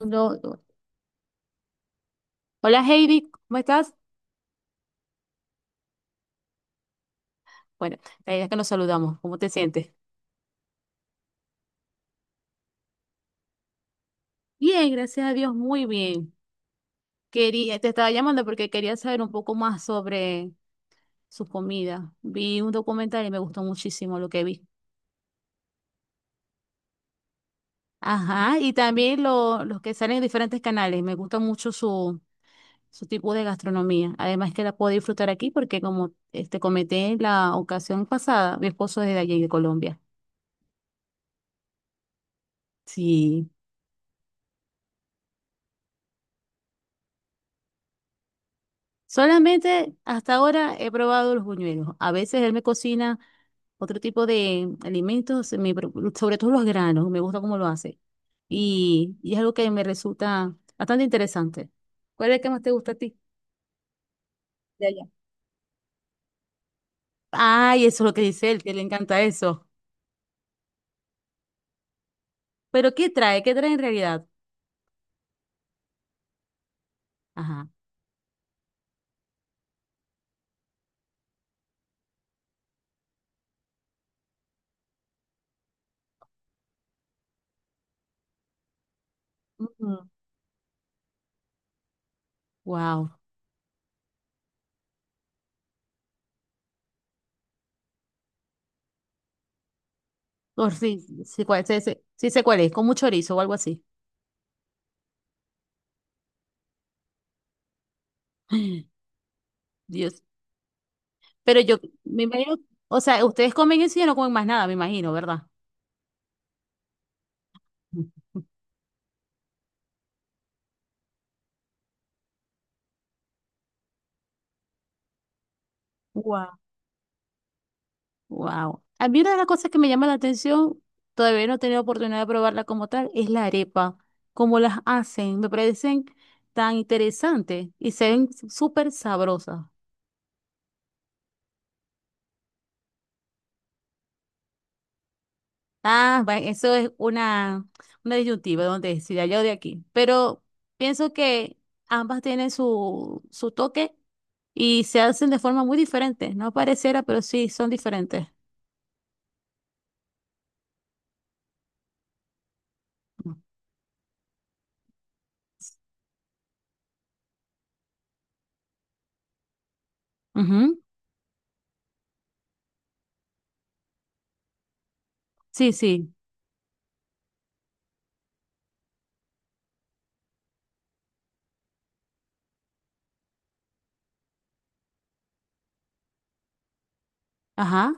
No, no. Hola Heidi, ¿cómo estás? Bueno, la idea es que nos saludamos. ¿Cómo te sientes? Bien, gracias a Dios, muy bien. Quería, te estaba llamando porque quería saber un poco más sobre su comida. Vi un documental y me gustó muchísimo lo que vi. Ajá, y también los que salen en diferentes canales. Me gusta mucho su tipo de gastronomía. Además que la puedo disfrutar aquí porque como este, comenté en la ocasión pasada, mi esposo es de allí, de Colombia. Sí. Solamente hasta ahora he probado los buñuelos. A veces él me cocina otro tipo de alimentos, sobre todo los granos, me gusta cómo lo hace. Y es algo que me resulta bastante interesante. ¿Cuál es el que más te gusta a ti de allá? Ay, eso es lo que dice él, que le encanta eso. Pero ¿qué trae? ¿Qué trae en realidad? Ajá. Wow. Sí, sí, sí, sí, sí sé cuál es, con mucho chorizo o algo así. Dios. Pero yo me imagino, o sea, ustedes comen eso y ya no comen más nada, me imagino, ¿verdad? Wow, wow. A mí una de las cosas que me llama la atención, todavía no he tenido oportunidad de probarla como tal, es la arepa, cómo las hacen. Me parecen tan interesantes y se ven súper sabrosas. Ah, eso es una disyuntiva donde si de allá o de aquí. Pero pienso que ambas tienen su, su toque y se hacen de forma muy diferente. No pareciera, pero sí son diferentes. Ujú. Sí, sí. Ajá.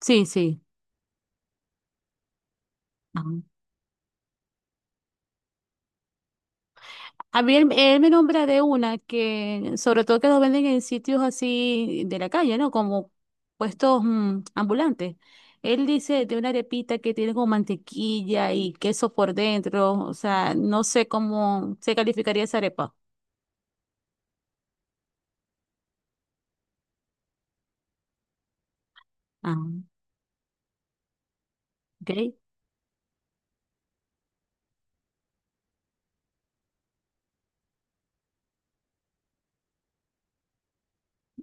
Sí, sí. A mí él, él me nombra de una que, sobre todo que lo venden en sitios así de la calle, ¿no? Como puestos ambulantes. Él dice de una arepita que tiene como mantequilla y queso por dentro. O sea, no sé cómo se calificaría esa arepa. Ah, ok.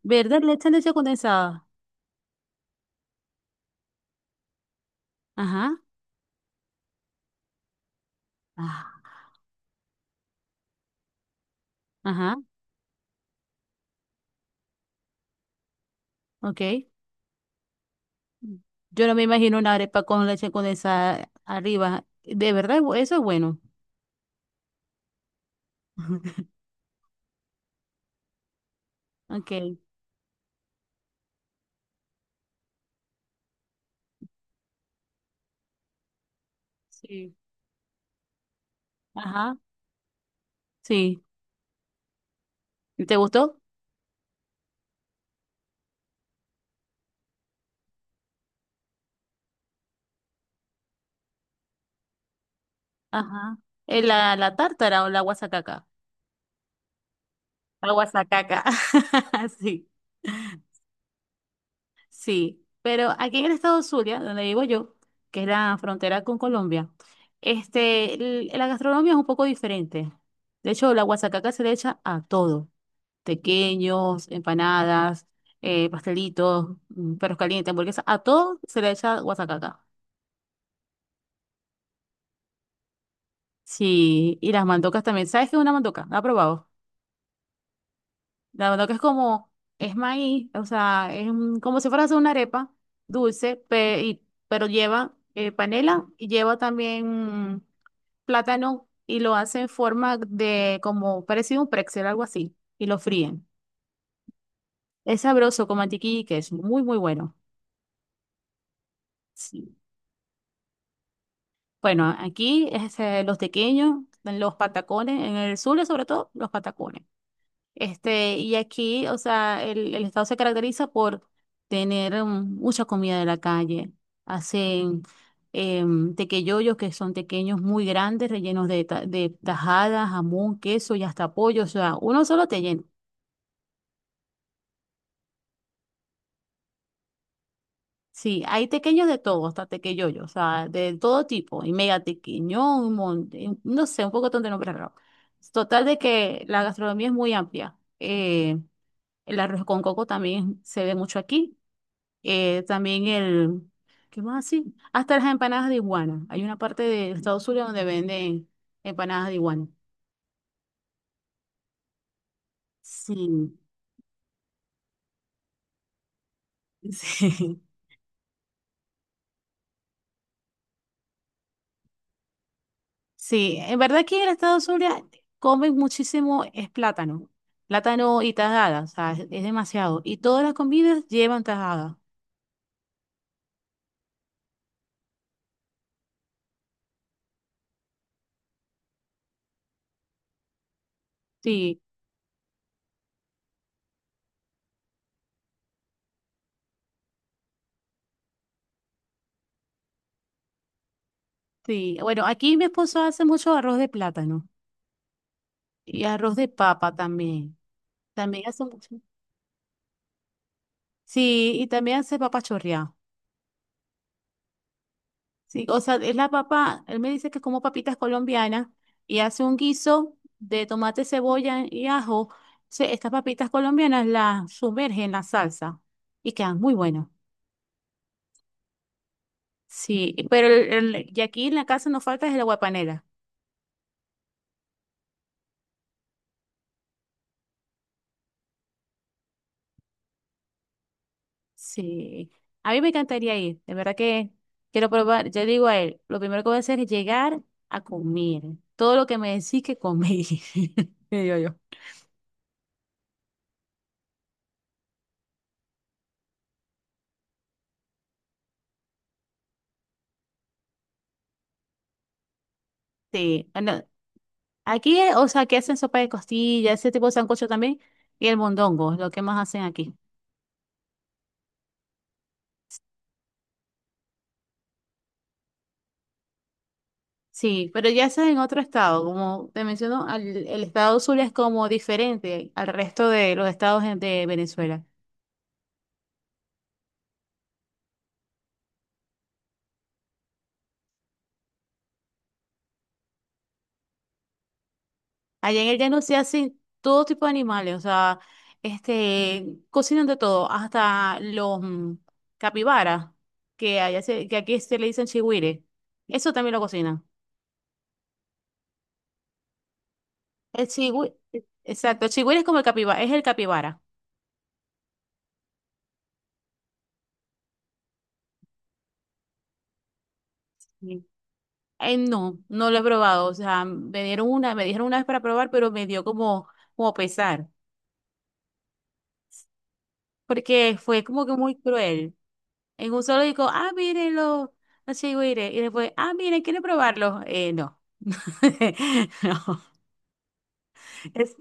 ¿Verdad? Le echan leche condensada. Ajá. Ah, ajá. Ok. Yo no me imagino una arepa con leche condensada arriba. De verdad, eso es bueno. Ok. Sí. Ajá. Sí. ¿Te gustó? Ajá. Es la, la tártara o la guasacaca. La guasacaca. Sí, sí. Pero aquí en el estado Zulia, donde vivo yo, que es la frontera con Colombia, este, la gastronomía es un poco diferente. De hecho, la guasacaca se le echa a todo. Tequeños, empanadas, pastelitos, perros calientes, hamburguesas, a todo se le echa guasacaca. Sí, y las mandocas también. ¿Sabes qué es una mandoca? ¿La has probado? La verdad que es como, es maíz, o sea, es un- como si fuera a hacer una arepa dulce, y- pero lleva panela y lleva también plátano y lo hace en forma de como parecido a un pretzel, algo así, y lo fríen. Es sabroso con mantequilla y queso, muy, muy bueno. Sí. Bueno, aquí este, los tequeños, los patacones, en el sur sobre todo, los patacones. Este, y aquí, o sea, el estado se caracteriza por tener mucha comida de la calle. Hacen tequeyoyos, que son tequeños muy grandes, rellenos de, de tajada, jamón, queso y hasta pollo. O sea, uno solo te llena. Sí, hay tequeños de todo, hasta tequeyoyos, o sea, de todo tipo. Y mega tequeño, un montón, no sé, un poco de nombres raros. Total de que la gastronomía es muy amplia. El arroz con coco también se ve mucho aquí también ¿qué más así? Hasta las empanadas de iguana. Hay una parte de Estados Unidos donde venden empanadas de iguana. Sí, sí, sí. En verdad que en Estados Unidos comen muchísimo es plátano, plátano y tajada, o sea, es demasiado. Y todas las comidas llevan tajada. Sí, sí. Bueno, aquí mi esposo hace mucho arroz de plátano y arroz de papa también. También hace mucho. Sí, y también hace papa chorreada. Sí, o sea, es la papa, él me dice que es como papitas colombianas y hace un guiso de tomate, cebolla y ajo. Estas papitas colombianas las sumerge en la salsa y quedan muy buenas. Sí, pero y aquí en la casa no falta es el aguapanela. Sí, a mí me encantaría ir, de verdad que quiero probar. Yo digo a él, lo primero que voy a hacer es llegar a comer todo lo que me decís que comí. Digo yo. Sí. Aquí, o sea, que hacen sopa de costilla, ese tipo de sancocho también, y el mondongo, es lo que más hacen aquí. Sí, pero ya eso es en otro estado, como te menciono, el estado Zulia es como diferente al resto de los estados de Venezuela. Allá en el llano se hacen todo tipo de animales, o sea, este, cocinan de todo, hasta los capibaras, que allá que aquí se le dicen chigüire, eso también lo cocinan. El chigüire, exacto, el chigüire es como el capibara, es el capibara. No, no lo he probado. O sea, me dieron una, me dijeron una vez para probar, pero me dio como, como pesar. Porque fue como que muy cruel. En un solo dijo, ah, mírenlo, así güire. Y después, ah, miren, ¿quieren probarlo? No. No, es,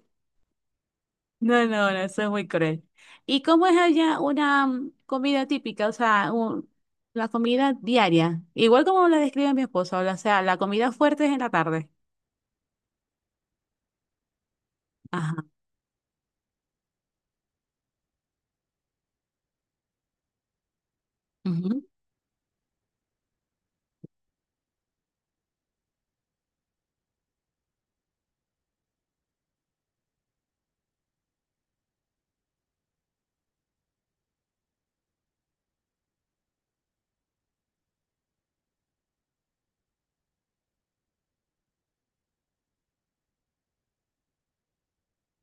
no, no, no, eso es muy cruel. ¿Y cómo es allá una comida típica? O sea, la comida diaria. Igual como la describe mi esposa, o sea, la comida fuerte es en la tarde. Ajá.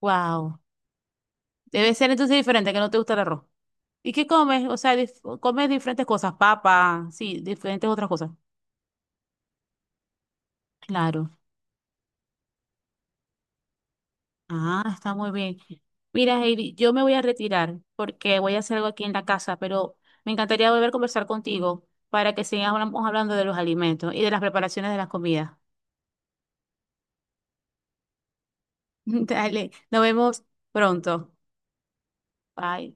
Wow. Debe ser entonces diferente, que no te gusta el arroz. ¿Y qué comes? O sea, comes diferentes cosas, papa, sí, diferentes otras cosas. Claro. Ah, está muy bien. Mira, Heidi, yo me voy a retirar porque voy a hacer algo aquí en la casa, pero me encantaría volver a conversar contigo para que sigamos hablando de los alimentos y de las preparaciones de las comidas. Dale, nos vemos pronto. Bye.